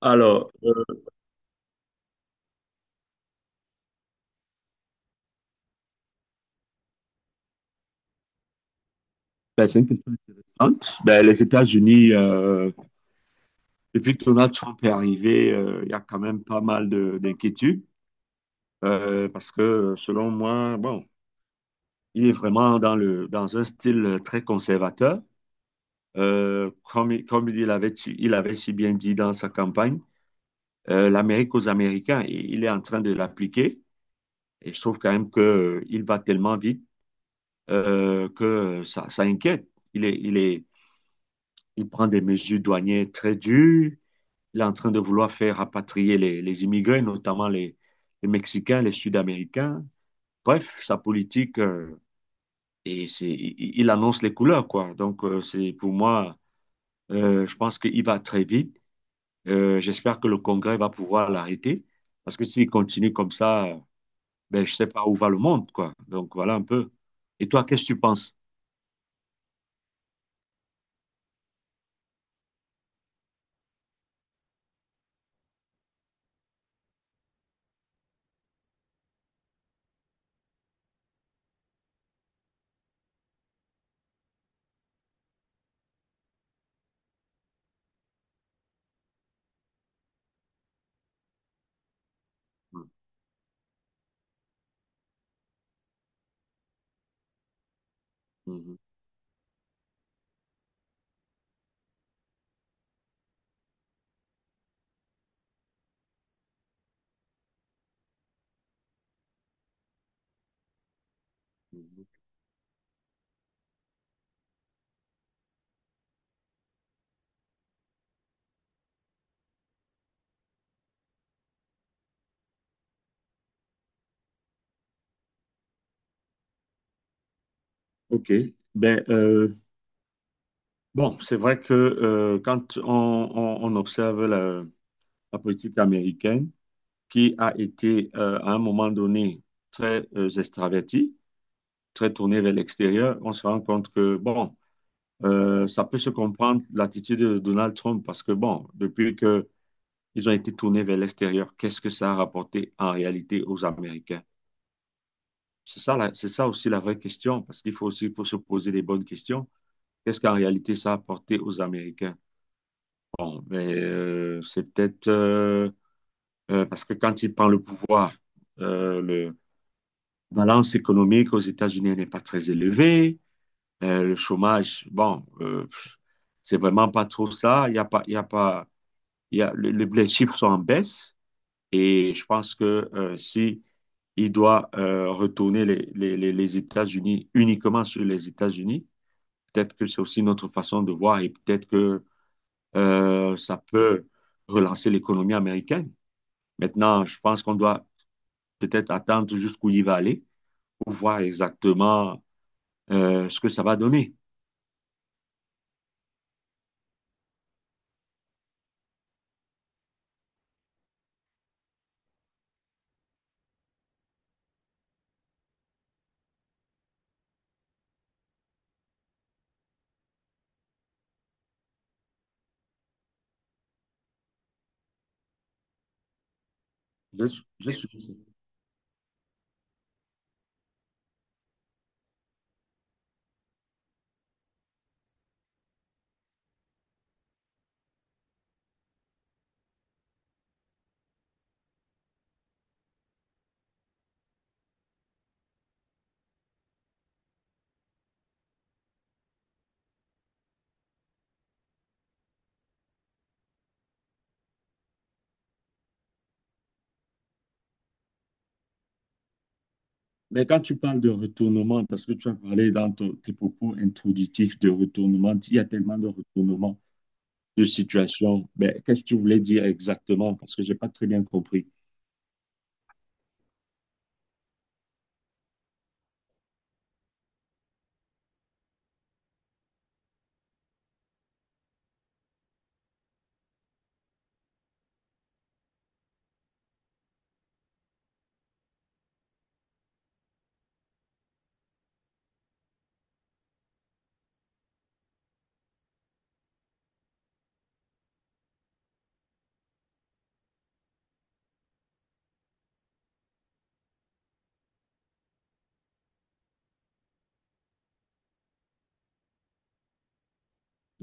Alors, ben, c'est une question intéressante. Ben, les États-Unis, depuis que Donald Trump est arrivé, il y a quand même pas mal d'inquiétudes parce que, selon moi, bon, il est vraiment dans un style très conservateur. Comme il avait, il avait si bien dit dans sa campagne, l'Amérique aux Américains, et il est en train de l'appliquer. Et je trouve quand même que il va tellement vite que ça inquiète. Il est, il est, il prend des mesures douanières très dures. Il est en train de vouloir faire rapatrier les immigrés, notamment les Mexicains, les Sud-Américains. Bref, sa politique, il annonce les couleurs, quoi. Donc, c'est pour moi, je pense qu'il va très vite. J'espère que le Congrès va pouvoir l'arrêter, parce que s'il continue comme ça, ben, je ne sais pas où va le monde, quoi. Donc, voilà un peu. Et toi, qu'est-ce que tu penses? Mhm. Mhm. OK. Ben, bon, c'est vrai que quand on observe la politique américaine, qui a été à un moment donné très extraverti, très tourné vers l'extérieur, on se rend compte que, bon, ça peut se comprendre l'attitude de Donald Trump parce que, bon, depuis qu'ils ont été tournés vers l'extérieur, qu'est-ce que ça a rapporté en réalité aux Américains? C'est ça, c'est ça aussi la vraie question, parce qu'il faut aussi faut se poser les bonnes questions. Qu'est-ce qu'en réalité ça a apporté aux Américains? Bon, mais c'est peut-être parce que quand il prend le pouvoir, euh, le, balance économique aux États-Unis n'est pas très élevée. Le chômage, bon, c'est vraiment pas trop ça. Il y a pas, il y a pas, il y a, les chiffres sont en baisse et je pense que si il doit retourner les États-Unis uniquement sur les États-Unis, peut-être que c'est aussi notre façon de voir et peut-être que ça peut relancer l'économie américaine. Maintenant, je pense qu'on doit peut-être attendre jusqu'où il va aller pour voir exactement ce que ça va donner. Je suis sûr. Mais quand tu parles de retournement, parce que tu as parlé dans tes propos introductifs de retournement, il y a tellement de retournements de situation. Mais qu'est-ce que tu voulais dire exactement? Parce que je n'ai pas très bien compris.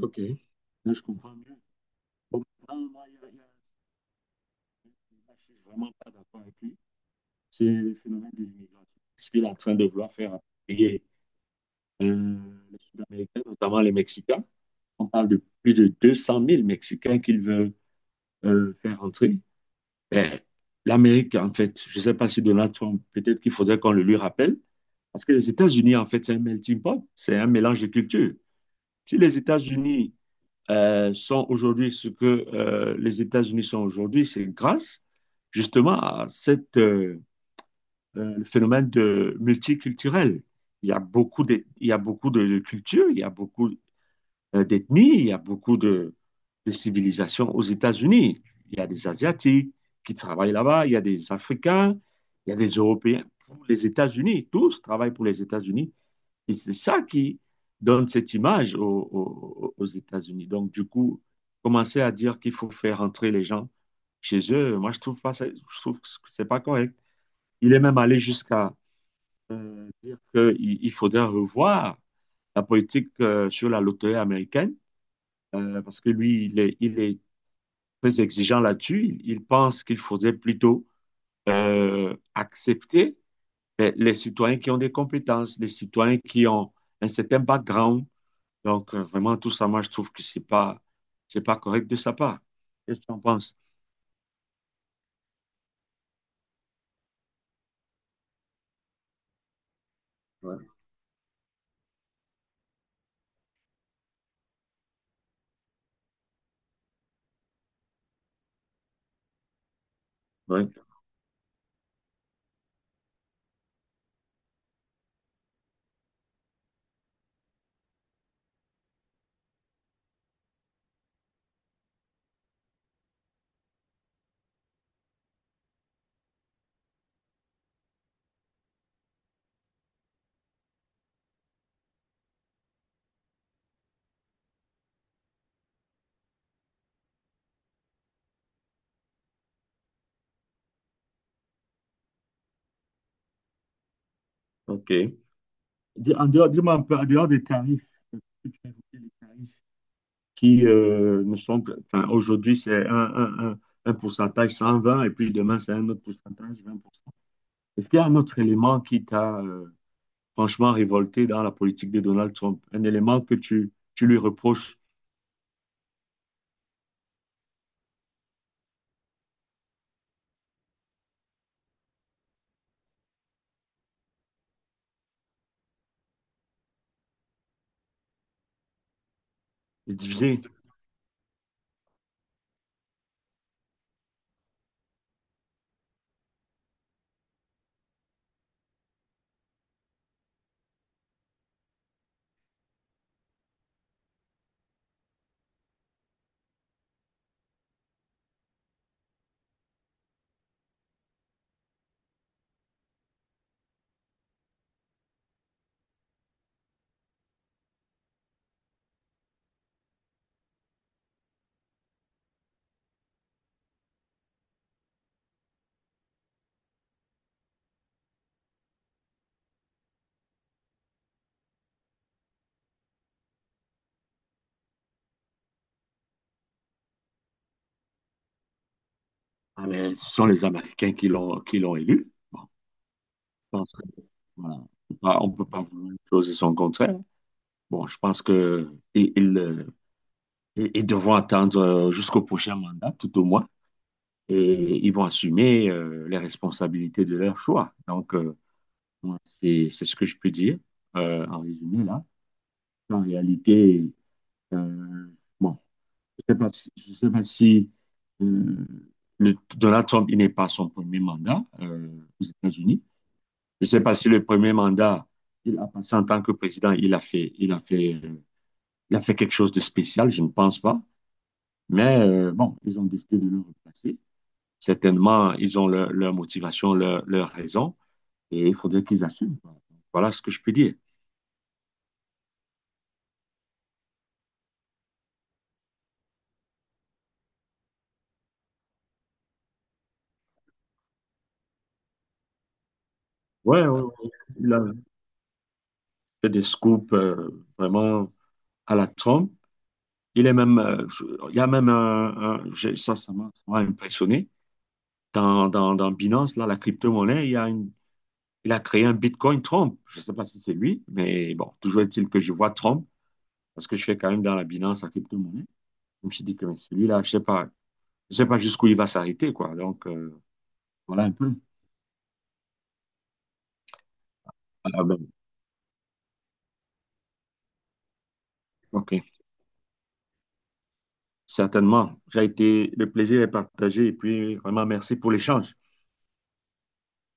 Ok. Là, je comprends mieux. Bon, maintenant, moi, là, je ne suis vraiment pas d'accord avec lui. C'est le phénomène de l'immigration. Ce qu'il est en train de vouloir faire appuyer euh, les Sud-Américains, notamment les Mexicains. On parle de plus de 200 000 Mexicains qu'il veut faire entrer. Ben, l'Amérique, en fait, je ne sais pas si Donald Trump, peut-être qu'il faudrait qu'on le lui rappelle, parce que les États-Unis, en fait, c'est un melting pot, c'est un mélange de cultures. Si les États-Unis sont aujourd'hui ce que les États-Unis sont aujourd'hui, c'est grâce justement à le phénomène de multiculturel. Il y a beaucoup de cultures, il y a beaucoup d'ethnie, il y a beaucoup de civilisations aux États-Unis. Il y a des Asiatiques qui travaillent là-bas, il y a des Africains, il y a des Européens pour les États-Unis, tous travaillent pour les États-Unis. Et c'est ça qui donne cette image aux États-Unis. Donc, du coup, commencer à dire qu'il faut faire entrer les gens chez eux, moi, je trouve pas, je trouve que c'est pas correct. Il est même allé jusqu'à dire qu'il il faudrait revoir la politique sur la loterie américaine parce que lui, il est très exigeant là-dessus. Il pense qu'il faudrait plutôt accepter ben, les citoyens qui ont des compétences, les citoyens qui ont un certain background. Donc, vraiment, tout ça, moi, je trouve que c'est pas correct de sa part. Qu'est-ce que tu en penses? Ouais. Ouais. OK. En dehors, dis-moi un peu, en dehors des tarifs, que tu as évoqué, les tarifs qui ne sont que, enfin, aujourd'hui, c'est un pourcentage 120 et puis demain, c'est un autre pourcentage 20. Est-ce qu'il y a un autre élément qui t'a franchement révolté dans la politique de Donald Trump? Un élément que tu lui reproches de diviser? Ah, mais ce sont les Américains qui l'ont élu. Bon, je pense que, voilà, on peut pas vouloir une chose et son contraire. Bon, je pense que ils devront attendre jusqu'au prochain mandat, tout au moins, et ils vont assumer les responsabilités de leur choix. Donc, moi, c'est ce que je peux dire en résumé là. En réalité, Euh, bon, je ne sais pas si, je sais pas si euh, Donald Trump, il n'est pas son premier mandat aux États-Unis. Je ne sais pas si le premier mandat, il a passé en tant que président, il a fait, il a fait, il a fait quelque chose de spécial, je ne pense pas. Mais bon, ils ont décidé de le replacer. Certainement, ils ont leur motivation, leur raison, et il faudrait qu'ils assument, quoi. Voilà ce que je peux dire. Ouais, ouais, ouais. Il a fait des scoops vraiment à la Trump. Il est même, il y a même un, ça m'a impressionné. Dans Binance, là, la crypto-monnaie, il a créé un Bitcoin Trump. Je ne sais pas si c'est lui, mais bon, toujours est-il que je vois Trump, parce que je fais quand même dans la Binance la crypto-monnaie. Je me suis dit que mais celui-là, je sais pas jusqu'où il va s'arrêter, quoi. Donc, voilà un peu. Ah ben, ok, certainement. J'ai été, le plaisir est partagé et puis vraiment merci pour l'échange.